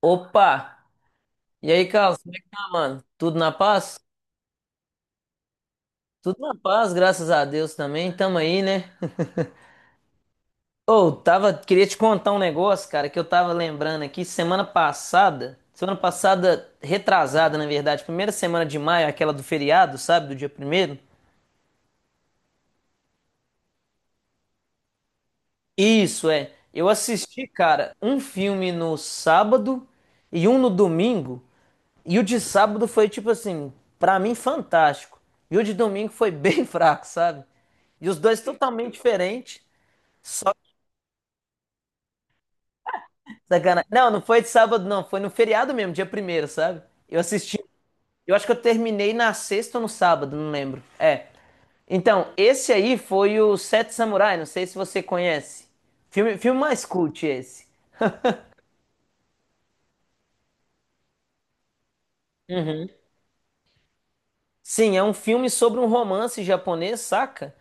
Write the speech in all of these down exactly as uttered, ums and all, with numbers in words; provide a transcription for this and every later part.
Opa! E aí, Carlos, como é que tá, mano? Tudo na paz? Tudo na paz, graças a Deus também. Tamo aí, né? Ô, tava, queria te contar um negócio, cara, que eu tava lembrando aqui semana passada, semana passada retrasada, na verdade, primeira semana de maio, aquela do feriado, sabe, do dia primeiro. Isso é. Eu assisti, cara, um filme no sábado e um no domingo. E o de sábado foi tipo assim, pra mim fantástico. E o de domingo foi bem fraco, sabe? E os dois totalmente diferentes. Só sacanagem. Não, não foi de sábado, não. Foi no feriado mesmo, dia primeiro, sabe? Eu assisti. Eu acho que eu terminei na sexta ou no sábado, não lembro. É. Então, esse aí foi o Sete Samurai, não sei se você conhece. Filme, filme mais cult esse. Sim, é um filme sobre um romance japonês, saca?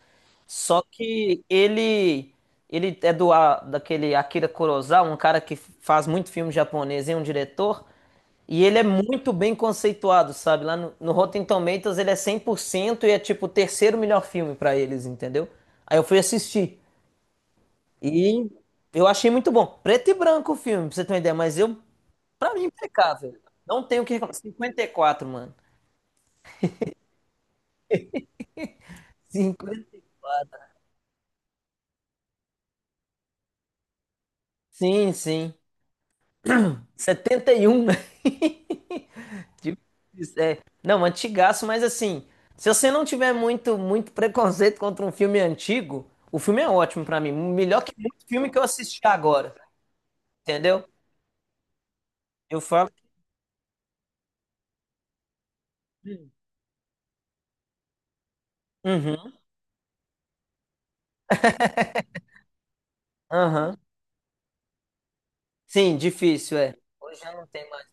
Só que ele ele é do a- daquele Akira Kurosawa, um cara que faz muito filme japonês e é um diretor, e ele é muito bem conceituado, sabe? Lá no, no Rotten Tomatoes ele é cem por cento e é tipo o terceiro melhor filme pra eles, entendeu? Aí eu fui assistir e eu achei muito bom. Preto e branco o filme, pra você ter uma ideia, mas eu pra mim é impecável. Não tenho o que reclamar. Cinquenta e quatro, mano. Cinquenta Sim, sim. setenta e um, né? Difícil, é, não, antigaço, mas assim, se você não tiver muito, muito preconceito contra um filme antigo, o filme é ótimo pra mim. Melhor que muito filme que eu assisti agora, entendeu? Eu falo. Uhum, aham. Sim, difícil, é. Hoje já não tem mais.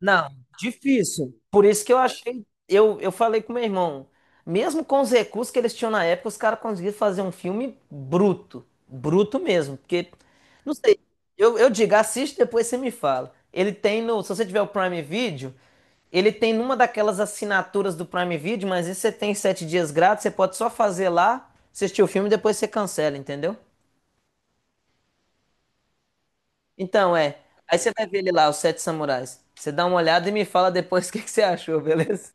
Não, difícil. Por isso que eu achei. Eu, eu falei com meu irmão, mesmo com os recursos que eles tinham na época, os caras conseguiram fazer um filme bruto. Bruto mesmo. Porque, não sei, eu, eu digo, assiste, depois você me fala. Ele tem no. Se você tiver o Prime Video, ele tem numa daquelas assinaturas do Prime Video, mas isso você tem sete dias grátis, você pode só fazer lá, assistir o filme e depois você cancela, entendeu? Então, é. Aí você vai ver ele lá, os Sete Samurais. Você dá uma olhada e me fala depois o que que você achou, beleza?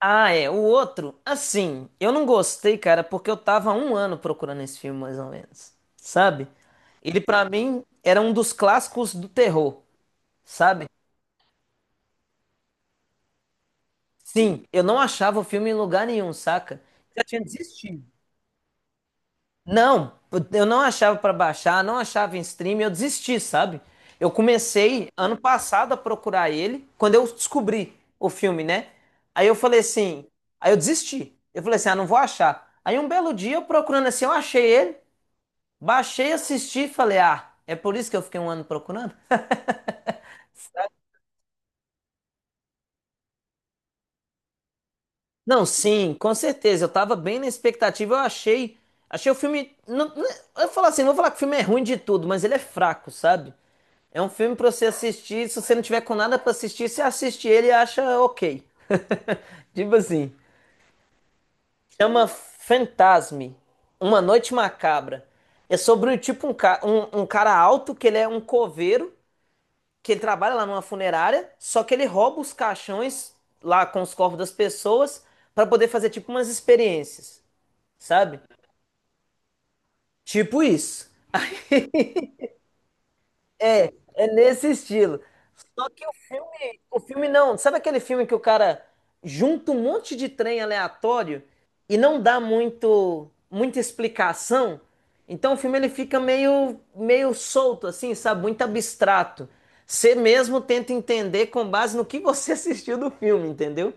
Ah, é. O outro, assim, eu não gostei, cara, porque eu tava há um ano procurando esse filme, mais ou menos. Sabe? Ele, pra mim, era um dos clássicos do terror, sabe? Sim, eu não achava o filme em lugar nenhum, saca? Já tinha desistido. Não, eu não achava pra baixar, não achava em stream, eu desisti, sabe? Eu comecei ano passado a procurar ele, quando eu descobri o filme, né? Aí eu falei assim, aí eu desisti. Eu falei assim, ah, não vou achar. Aí um belo dia eu procurando assim, eu achei ele, baixei, assisti, e falei, ah, é por isso que eu fiquei um ano procurando? Não, sim, com certeza. Eu tava bem na expectativa. Eu achei, achei o filme. Não- não- é, eu falo assim, não vou falar que o filme é ruim de tudo, mas ele é fraco, sabe? É um filme pra você assistir. Se você não tiver com nada pra assistir, você assiste ele e acha ok. Tipo assim. Chama Fantasme, Uma Noite Macabra. É sobre tipo um, ca- um, um cara alto que ele é um coveiro que ele trabalha lá numa funerária, só que ele rouba os caixões lá com os corpos das pessoas para poder fazer tipo umas experiências, sabe? Tipo isso. É nesse estilo. Só que o filme, o filme não, sabe aquele filme que o cara junta um monte de trem aleatório e não dá muito muita explicação? Então o filme ele fica meio meio solto assim, sabe? Muito abstrato. Você mesmo tenta entender com base no que você assistiu do filme, entendeu?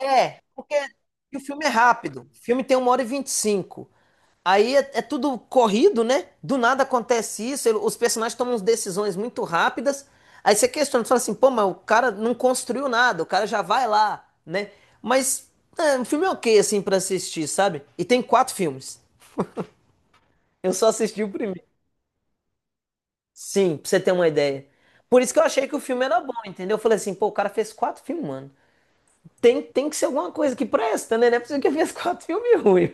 É, porque o filme é rápido. O filme tem uma hora e vinte e cinco. Aí é, é tudo corrido, né? Do nada acontece isso. Ele- os personagens tomam umas decisões muito rápidas. Aí você questiona, você fala assim, pô, mas o cara não construiu nada, o cara já vai lá, né? Mas é, o filme é ok, assim, pra assistir, sabe? E tem quatro filmes. Eu só assisti o primeiro. Sim, pra você ter uma ideia. Por isso que eu achei que o filme era bom, entendeu? Eu falei assim, pô, o cara fez quatro filmes, mano. Tem, tem que ser alguma coisa que presta, né? Não é possível que ele fez quatro filmes ruins.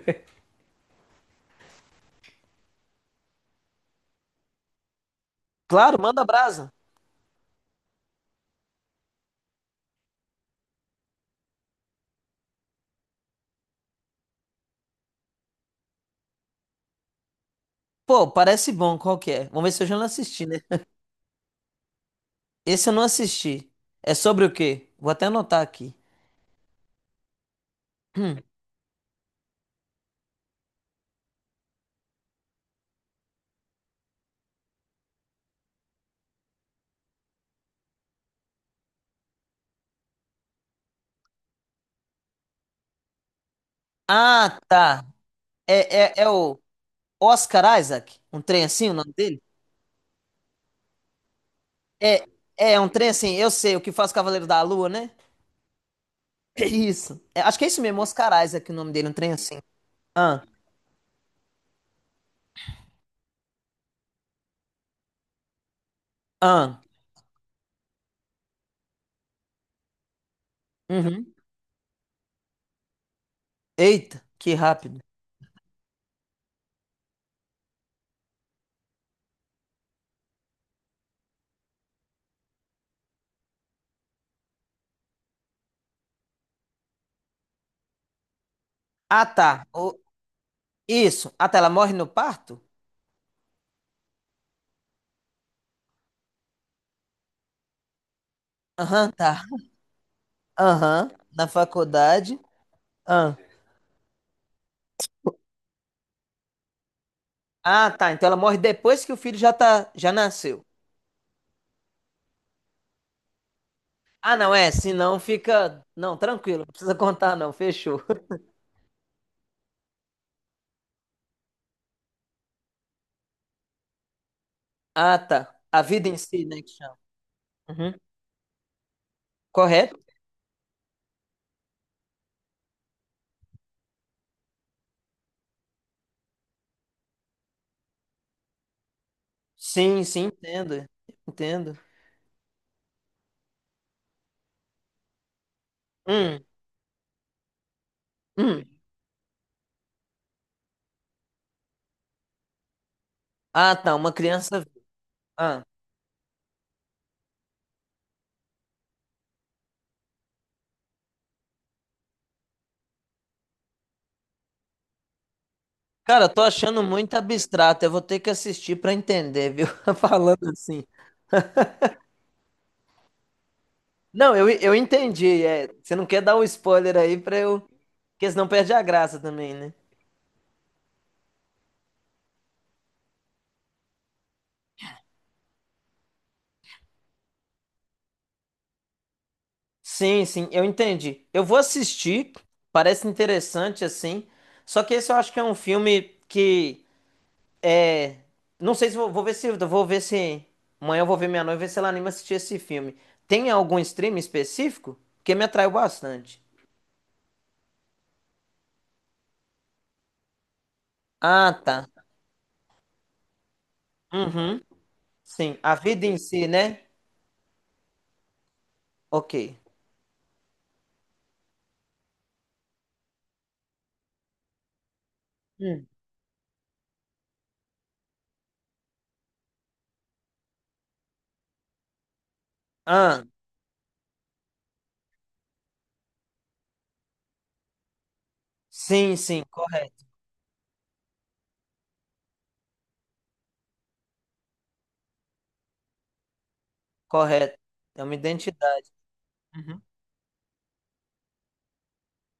Claro, manda brasa. Pô, parece bom, qual que é? Vamos ver se eu já não assisti, né? Esse eu não assisti. É sobre o quê? Vou até anotar aqui. Hum. Ah, tá. É, é, é o Oscar Isaac? Um trem assim, o nome dele? É, é é um trem assim, eu sei, o que faz Cavaleiro da Lua, né? É isso. É, acho que é isso mesmo, Oscar Isaac, o nome dele, um trem assim. Ah, ah. Uhum. Eita, que rápido. Ah, tá. O- isso. Ah, tá, ela morre no parto? Aham, tá. Aham, na faculdade. Ah. Ah, tá. Então ela morre depois que o filho já tá, já nasceu. Ah, não é. Senão fica. Não, tranquilo. Não precisa contar, não. Fechou. Ah, tá. A vida em si, né, que chama. Uhum. Correto? Sim, sim, entendo. Entendo. Hum, hum. Ah, tá. Uma criança. Ah. Cara, eu tô achando muito abstrato. Eu vou ter que assistir pra entender, viu? Falando assim. Não, eu, eu entendi. É, você não quer dar um spoiler aí pra eu. Porque senão perde a graça também, né? Sim, sim, eu entendi. Eu vou assistir, parece interessante assim. Só que esse eu acho que é um filme que é, não sei se vou, vou ver se vou ver se amanhã eu vou ver minha noiva ver se ela anima a assistir esse filme. Tem algum stream específico? Porque me atraiu bastante. Ah, tá. Uhum. Sim, a vida em si, né? Ok. Hum. Ah, sim, sim, correto, correto. É uma identidade. Uhum.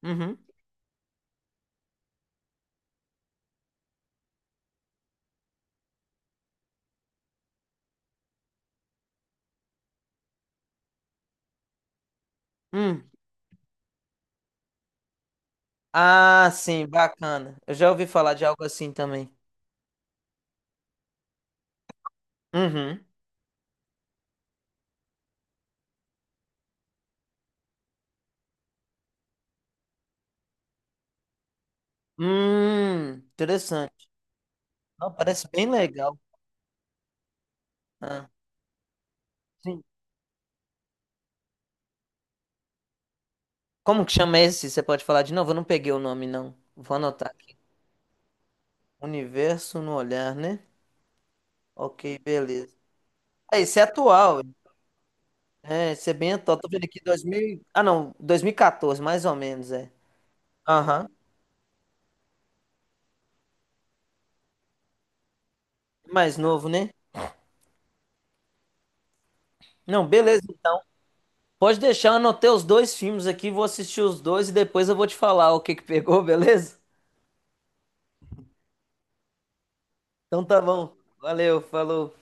Uhum. Uhum. Ah, sim, bacana. Eu já ouvi falar de algo assim também. Uhum. Hum, interessante. Não, parece bem legal. Ah, sim. Como que chama esse? Você pode falar de novo? Eu não peguei o nome, não. Vou anotar aqui. Universo no olhar, né? Ok, beleza. Ah, esse é atual. Hein? É, esse é bem atual. Tô vendo aqui dois mil, e- ah, não, dois mil e quatorze, mais ou menos, é. Aham. Mais novo, né? Não, beleza. Então. Pode deixar, eu anotei os dois filmes aqui, vou assistir os dois e depois eu vou te falar o que que pegou, beleza? Então tá bom. Valeu, falou.